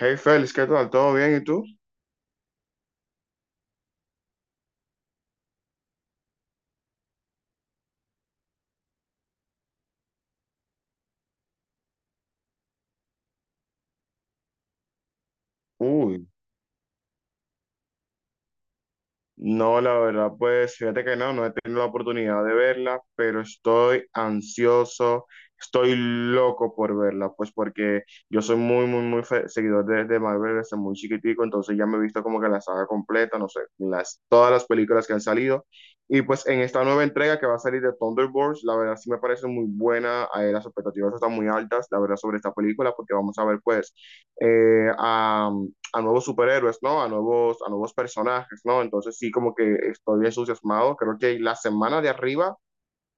Hey Félix, ¿qué tal? ¿Todo bien? ¿Y tú? Uy, no, la verdad, pues fíjate que no he tenido la oportunidad de verla, pero estoy ansioso, estoy loco por verla, pues porque yo soy muy, muy, muy seguidor de Marvel desde muy chiquitico, entonces ya me he visto como que la saga completa, no sé, todas las películas que han salido. Y pues en esta nueva entrega que va a salir de Thunderbolts, la verdad sí me parece muy buena, las expectativas están muy altas, la verdad, sobre esta película, porque vamos a ver pues eh, a nuevos superhéroes, ¿no? A nuevos personajes, ¿no? Entonces sí, como que estoy entusiasmado. Creo que la semana de arriba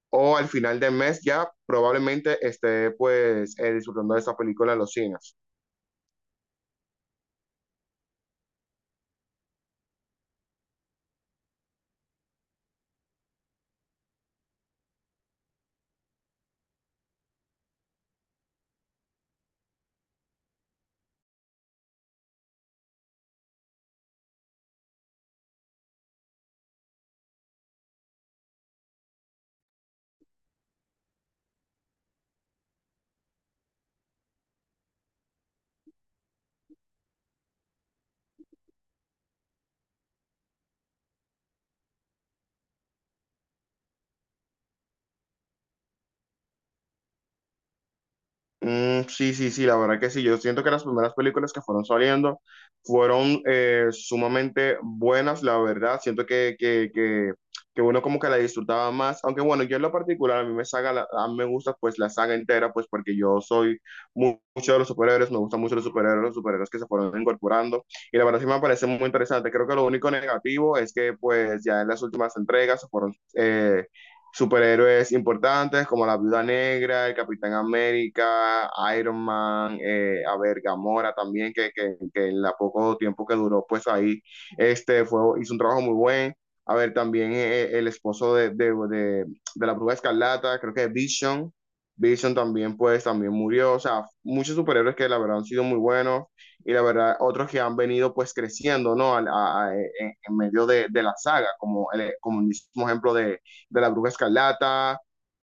o al final del mes ya probablemente esté pues disfrutando de esta película en los cines. Mm, sí, sí, sí, la verdad que sí. Yo siento que las primeras películas que fueron saliendo fueron sumamente buenas, la verdad. Siento que uno como que la disfrutaba más. Aunque bueno, yo en lo particular, a mí me gusta pues la saga entera, pues porque yo soy mucho de los superhéroes, me gustan mucho los superhéroes, que se fueron incorporando. Y la verdad sí me parece muy interesante. Creo que lo único negativo es que pues ya en las últimas entregas se fueron. Superhéroes importantes como la Viuda Negra, el Capitán América, Iron Man, a ver, Gamora también, que en la poco tiempo que duró, pues ahí este hizo un trabajo muy buen. A ver, también el esposo de la Bruja Escarlata, creo que Vision, también, pues, también murió. O sea, muchos superhéroes que la verdad han sido muy buenos y la verdad otros que han venido, pues, creciendo, ¿no? En medio de la saga, como el mismo ejemplo de la Bruja Escarlata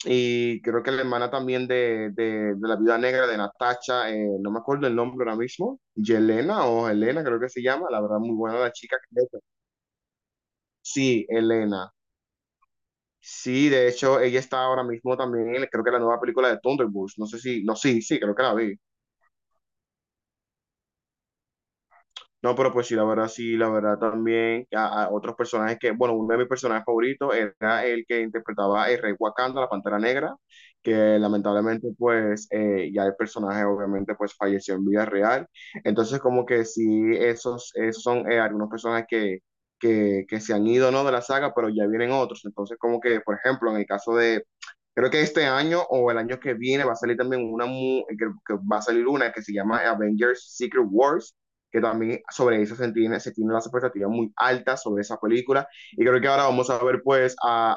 y creo que la hermana también de la Viuda Negra de Natasha, no me acuerdo el nombre ahora mismo, Yelena o Elena creo que se llama, la verdad muy buena la chica. Sí, Elena. Sí, de hecho ella está ahora mismo también en creo que la nueva película de Thunderbolts, no sé si, no, sí, sí, creo que la vi. No, pero pues sí, la verdad también a otros personajes que, bueno, uno de mis personajes favoritos era el que interpretaba el Rey Wakanda, la Pantera Negra, que lamentablemente pues ya el personaje obviamente pues falleció en vida real. Entonces como que sí, esos son algunos personajes que se han ido, ¿no? De la saga, pero ya vienen otros. Entonces como que, por ejemplo, en el caso de, creo que este año o el año que viene va a salir también una que va a salir una que se llama Avengers Secret Wars, que también sobre eso se tiene las expectativas muy altas sobre esa película. Y creo que ahora vamos a ver pues a,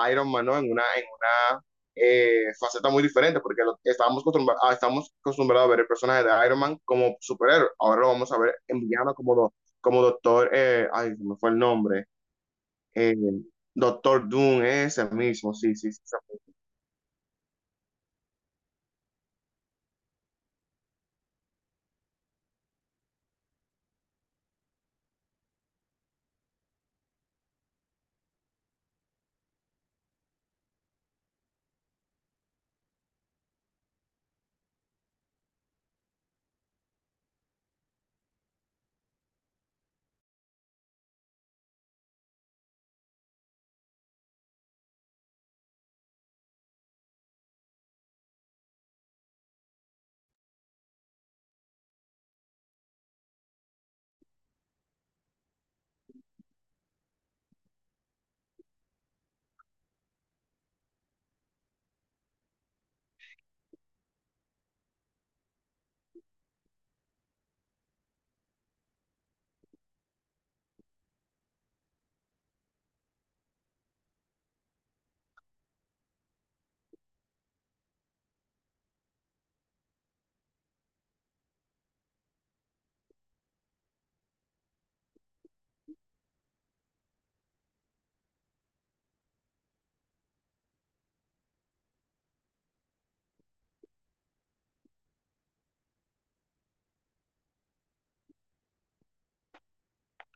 a, a Iron Man, ¿no? En una faceta muy diferente, porque lo, estábamos, acostumbrados, ah, estábamos acostumbrados a ver el personaje de Iron Man como superhéroe, ahora lo vamos a ver en villano como doctor, ay, se me fue el nombre, eh, Doctor Doom, ese mismo, sí, sí, sí.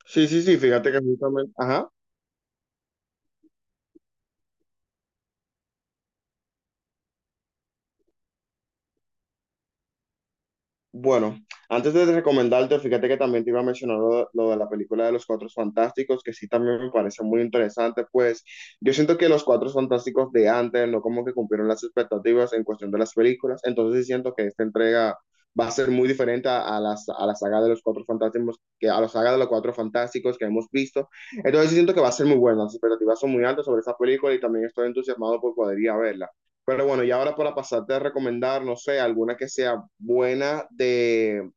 Sí, sí, sí, fíjate que justamente, ajá. Bueno, antes de recomendarte, fíjate que también te iba a mencionar de lo de la película de los Cuatro Fantásticos, que sí también me parece muy interesante, pues yo siento que los Cuatro Fantásticos de antes no como que cumplieron las expectativas en cuestión de las películas, entonces sí siento que esta entrega va a ser muy diferente a la saga de los Cuatro Fantásticos, que a la saga de los Cuatro Fantásticos que hemos visto, entonces sí siento que va a ser muy buena, las expectativas son muy altas sobre esa película y también estoy entusiasmado por poder ir a verla. Pero bueno, y ahora para pasarte a recomendar, no sé, alguna que sea buena de,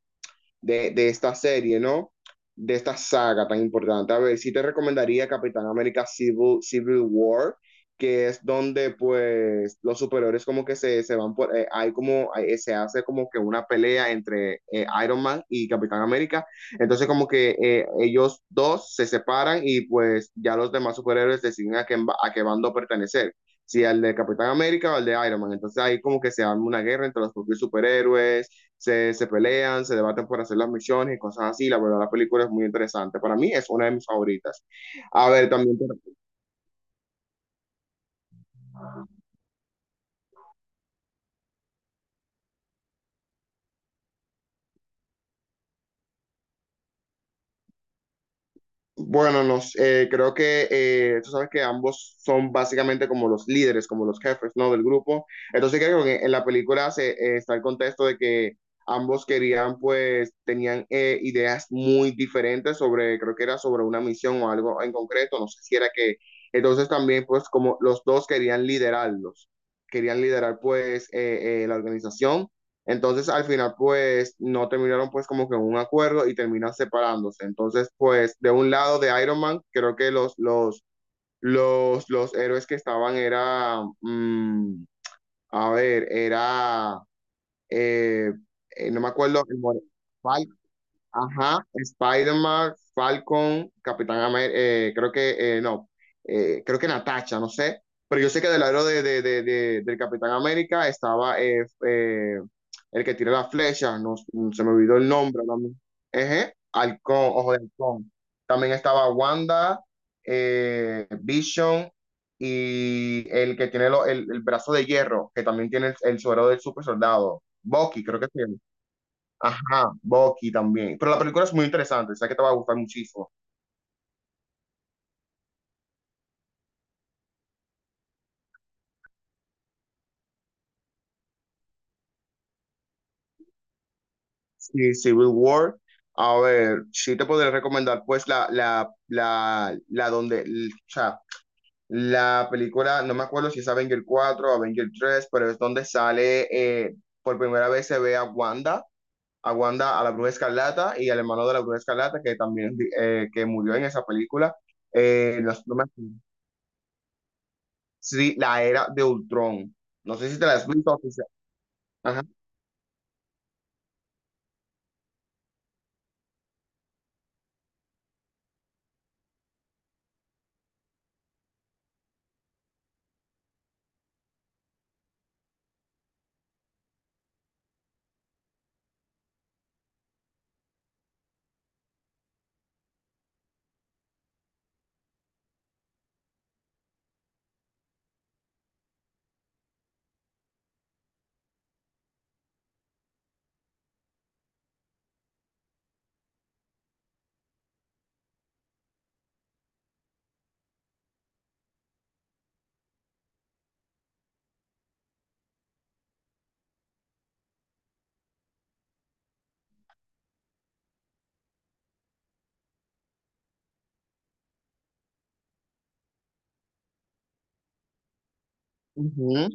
de, de esta serie, ¿no? De esta saga tan importante. A ver, sí te recomendaría Capitán América Civil War, que es donde pues los superiores como que se van se hace como que una pelea entre Iron Man y Capitán América, entonces como que ellos dos se separan y pues ya los demás superhéroes deciden a qué bando pertenecer, si al de Capitán América o al de Iron Man, entonces ahí como que se arma una guerra entre los propios superhéroes, se pelean, se debaten por hacer las misiones y cosas así. La verdad, la película es muy interesante. Para mí es una de mis favoritas. A ver, también. Bueno, creo que tú sabes que ambos son básicamente como los líderes, como los jefes, ¿no? Del grupo. Entonces creo que en la película está el contexto de que ambos pues, tenían ideas muy diferentes sobre, creo que era sobre una misión o algo en concreto, no sé si era que, entonces también, pues, como los dos querían liderar, pues, la organización, entonces al final pues no terminaron pues como que en un acuerdo y terminan separándose. Entonces pues de un lado de Iron Man creo que los héroes que estaban a ver, eh, no me acuerdo, ajá, Spider-Man, Falcon, Capitán América, creo que, no, creo que Natasha, no sé, pero yo sé que del lado del Capitán América estaba el que tira las flechas, no, se me olvidó el nombre también, Ojo de Halcón, también estaba Wanda, Vision y el que tiene el brazo de hierro, que también tiene el suero del super soldado, Bucky, creo que sí. Ajá, Bucky también. Pero la película es muy interesante, sé que te va a gustar muchísimo. Sí, Civil War. A ver, sí te podría recomendar pues o sea, la película, no me acuerdo si es Avenger 4 o Avenger 3, pero es donde sale, por primera vez se ve a Wanda, a la Bruja Escarlata y al hermano de la Bruja Escarlata que también que murió en esa película. No sé, no me acuerdo. Sí, la era de Ultron. No sé si te la has visto. Oficial. Ajá.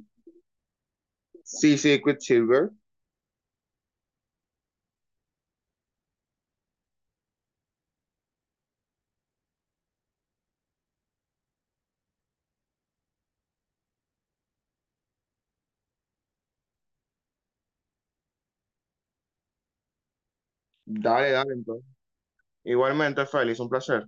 Sí, sí, Quicksilver. Dale, dale, entonces. Igualmente, Félix, un placer.